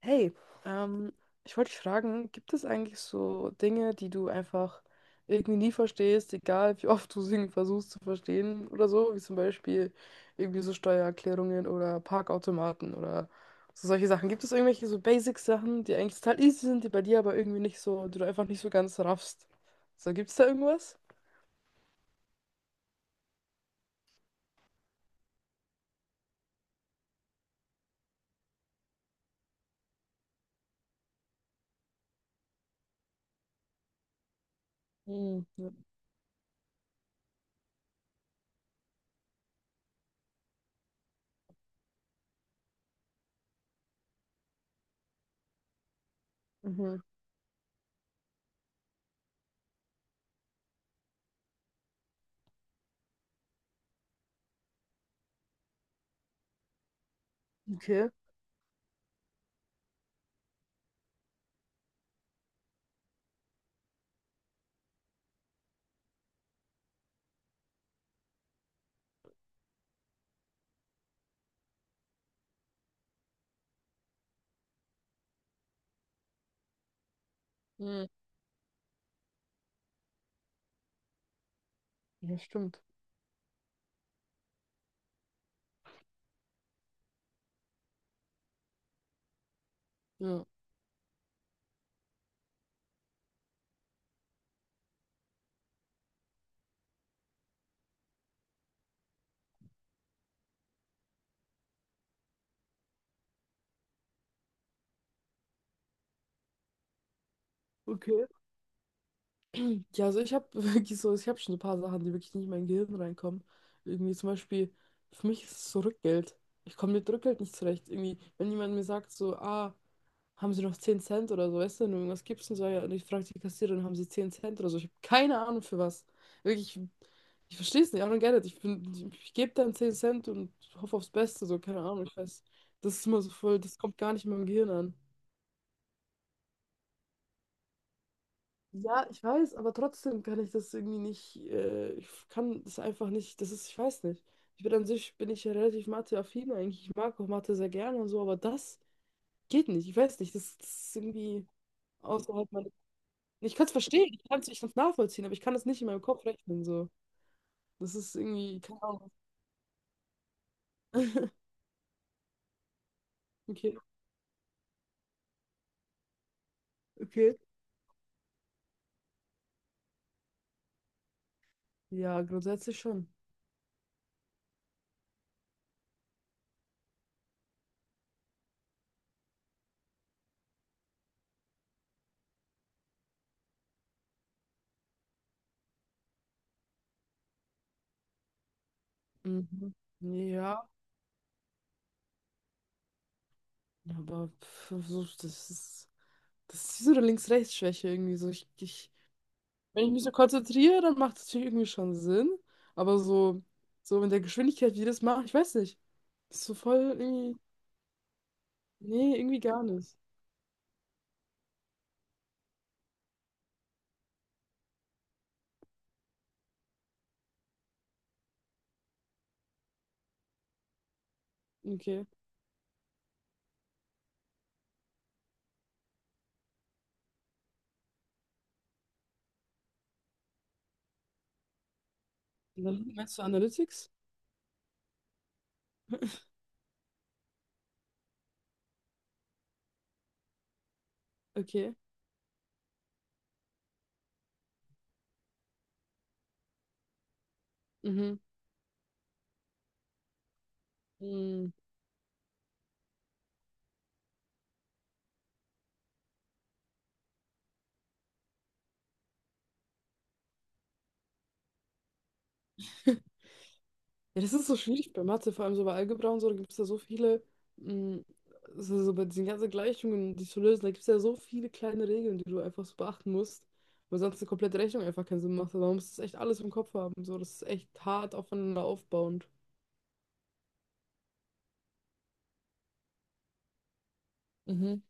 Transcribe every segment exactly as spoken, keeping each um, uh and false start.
Hey, ähm, ich wollte dich fragen, gibt es eigentlich so Dinge, die du einfach irgendwie nie verstehst, egal wie oft du sie versuchst zu verstehen oder so, wie zum Beispiel irgendwie so Steuererklärungen oder Parkautomaten oder so solche Sachen. Gibt es irgendwelche so Basic-Sachen, die eigentlich total easy sind, die bei dir aber irgendwie nicht so, die du einfach nicht so ganz raffst? So, gibt es da irgendwas? Hm. Mhm. Okay. Hm. Ja, stimmt. Ja. Okay. Ja, also ich habe wirklich so, ich habe schon ein paar Sachen, die wirklich nicht in mein Gehirn reinkommen. Irgendwie zum Beispiel, für mich ist es so Rückgeld. Ich komme mit Rückgeld nicht zurecht. Irgendwie, wenn jemand mir sagt so, ah, haben Sie noch zehn Cent oder so, weißt du, wenn du irgendwas gibst und so, ja, und ich frage die Kassiererin, haben Sie zehn Cent oder so. Ich habe keine Ahnung für was. Wirklich, ich ich verstehe es nicht, I don't get it. Ich bin, ich gebe dann zehn Cent und hoffe aufs Beste, so, keine Ahnung, ich weiß. Das ist immer so voll, das kommt gar nicht in meinem Gehirn an. Ja, ich weiß, aber trotzdem kann ich das irgendwie nicht, äh, ich kann das einfach nicht, das ist, ich weiß nicht. Ich bin an sich, bin ich ja relativ Mathe-affin eigentlich, ich mag auch Mathe sehr gerne und so, aber das geht nicht, ich weiß nicht, das, das ist irgendwie außerhalb meiner, ich kann es verstehen, ich kann es ich kann's nachvollziehen, aber ich kann das nicht in meinem Kopf rechnen, so. Das ist irgendwie, keine Ahnung. Okay, okay. Ja, grundsätzlich schon. Mhm. Ja, aber pff, so, das ist, das ist so eine Links-Rechts-Schwäche irgendwie, so, ich, ich. Wenn ich mich so konzentriere, dann macht es natürlich irgendwie schon Sinn. Aber so, so in der Geschwindigkeit, wie die das machen, ich weiß nicht. Ist so voll irgendwie. Nee, irgendwie gar nicht. Okay. Und dann meinst du Analytics? Okay. Mhm. Hm. Ja, das ist so schwierig bei Mathe, vor allem so bei Algebra und so, da gibt es ja so viele, hm, so, so bei diesen ganzen Gleichungen, die zu lösen, da gibt es ja so viele kleine Regeln, die du einfach so beachten musst, weil sonst eine komplette Rechnung einfach keinen Sinn macht. Also man muss das echt alles im Kopf haben. So, das ist echt hart aufeinander aufbauend. Mhm.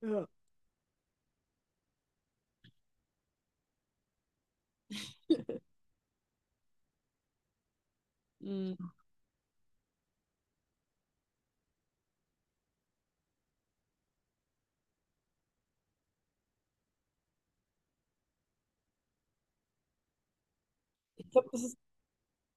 Ja. Mhm. Ich glaube, das ist,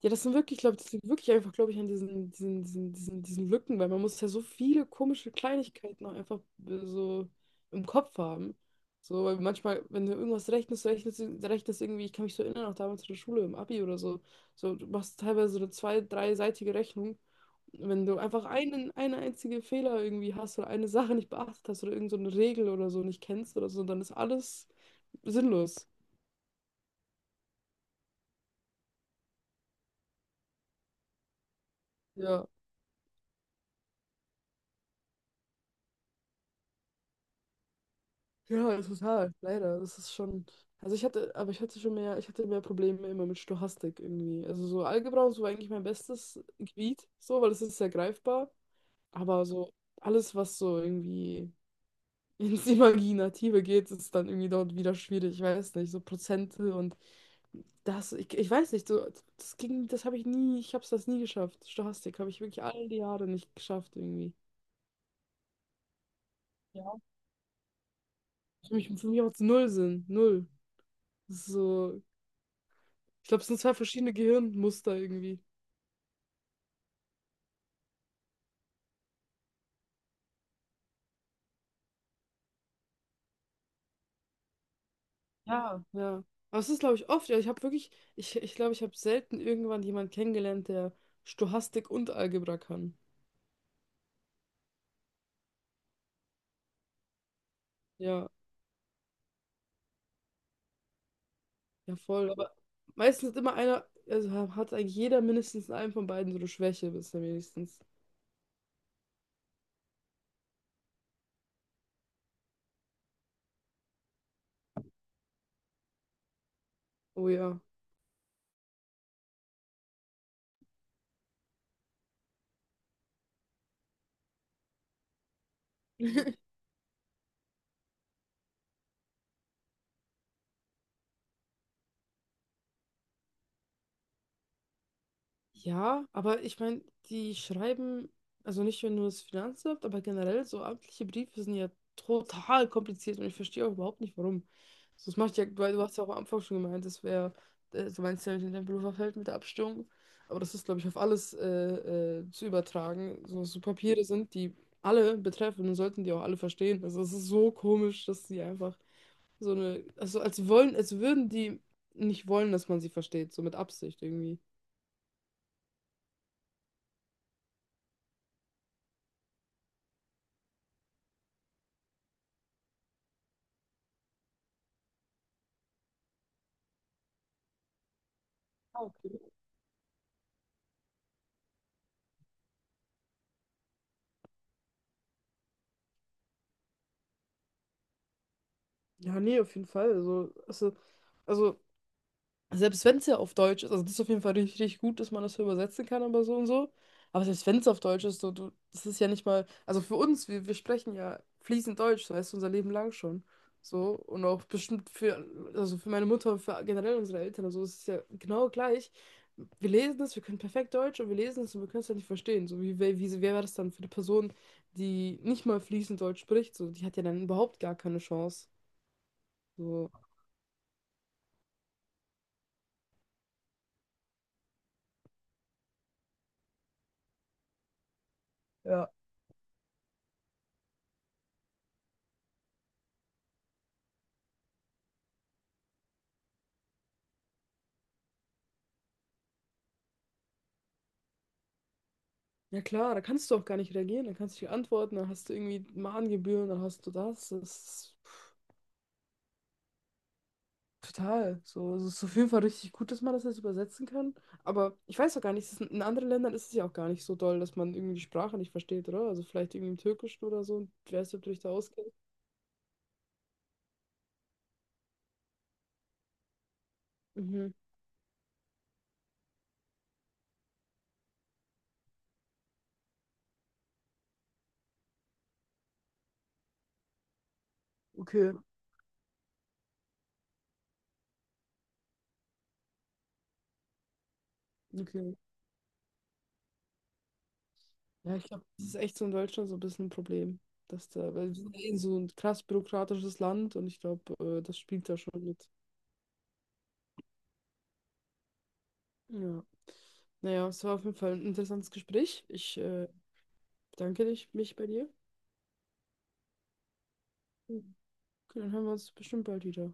ja, das sind wirklich, glaube ich, das liegt wirklich einfach, glaube ich, an diesen, diesen, diesen, diesen, diesen Lücken, weil man muss ja so viele komische Kleinigkeiten auch einfach äh, so im Kopf haben. So, weil manchmal, wenn du irgendwas rechnest, rechnest, du- rechnest irgendwie, ich kann mich so erinnern, auch damals in der Schule, im Abi oder so, so, du machst teilweise so eine zwei-, dreiseitige Rechnung. Wenn du einfach einen, eine einzige Fehler irgendwie hast oder eine Sache nicht beachtet hast oder irgend so eine Regel oder so nicht kennst oder so, dann ist alles sinnlos. Ja, total, leider. Das ist schon. Also ich hatte, aber ich hatte schon mehr, ich hatte mehr Probleme immer mit Stochastik irgendwie. Also so Algebra und so war eigentlich mein bestes Gebiet, so, weil es ist sehr greifbar. Aber so alles, was so irgendwie ins Imaginative geht, ist dann irgendwie dort wieder schwierig. Ich weiß nicht, so Prozente und das, ich, ich weiß nicht, so, das ging, das habe ich nie, ich habe es das nie geschafft. Stochastik habe ich wirklich all die Jahre nicht geschafft irgendwie. Ja. Für mich, für mich macht es null Sinn, null. So. Ich glaube, es sind zwei verschiedene Gehirnmuster irgendwie. Ja. Ja. Aber es ist, glaube ich, oft. Ja, ich habe wirklich, ich, ich glaube, ich habe selten irgendwann jemanden kennengelernt, der Stochastik und Algebra kann. Ja, ja, voll. Aber meistens ist immer einer, also ha- hat eigentlich jeder mindestens einen von beiden so eine Schwäche, bisher wenigstens. Oh ja. Ja, aber ich meine, die schreiben, also nicht nur das Finanzamt, aber generell so amtliche Briefe sind ja total kompliziert und ich verstehe auch überhaupt nicht, warum. So, das macht ja, weil du hast ja auch am Anfang schon gemeint, das wäre, äh, du meinst ja in deinem Berufsfeld mit der Abstimmung, aber das ist, glaube ich, auf alles äh, äh, zu übertragen. So, so Papiere sind, die alle betreffen und sollten die auch alle verstehen. Also es ist so komisch, dass sie einfach so eine, also als wollen, als würden die nicht wollen, dass man sie versteht, so mit Absicht irgendwie. Ja, nee, auf jeden Fall. Also, also, also selbst wenn es ja auf Deutsch ist, also das ist auf jeden Fall richtig, richtig gut, dass man das so übersetzen kann, aber so und so. Aber selbst wenn es auf Deutsch ist, so, du, das ist ja nicht mal, also für uns, wir, wir sprechen ja fließend Deutsch, so heißt unser Leben lang schon. So, und auch bestimmt für, also für meine Mutter und für generell unsere Eltern, also es ist ja genau gleich. Wir lesen es, wir können perfekt Deutsch und wir lesen es und wir können es halt nicht verstehen. So, wie, wie, wie wer wäre das dann für eine Person, die nicht mal fließend Deutsch spricht? So, die hat ja dann überhaupt gar keine Chance. So. Ja klar, da kannst du auch gar nicht reagieren, da kannst du nicht antworten, dann hast du irgendwie Mahngebühren, dann hast du das. Das ist total. So, also, es ist auf jeden Fall richtig gut, dass man das jetzt übersetzen kann. Aber ich weiß auch gar nicht, es ist in in anderen Ländern ist es ja auch gar nicht so doll, dass man irgendwie die Sprache nicht versteht, oder? Also vielleicht irgendwie im Türkischen oder so. Ich weiß nicht, ob du dich da auskennst. Mhm. Okay, okay. Ja, ich glaube, das ist echt so in Deutschland so ein bisschen ein Problem. Dass da, weil wir sind ja eh so ein krass bürokratisches Land und ich glaube, äh, das spielt da schon mit. Ja. Naja, es war auf jeden Fall ein interessantes Gespräch. Ich äh, bedanke dich, mich bei dir. Okay, dann hören wir uns bestimmt bald wieder.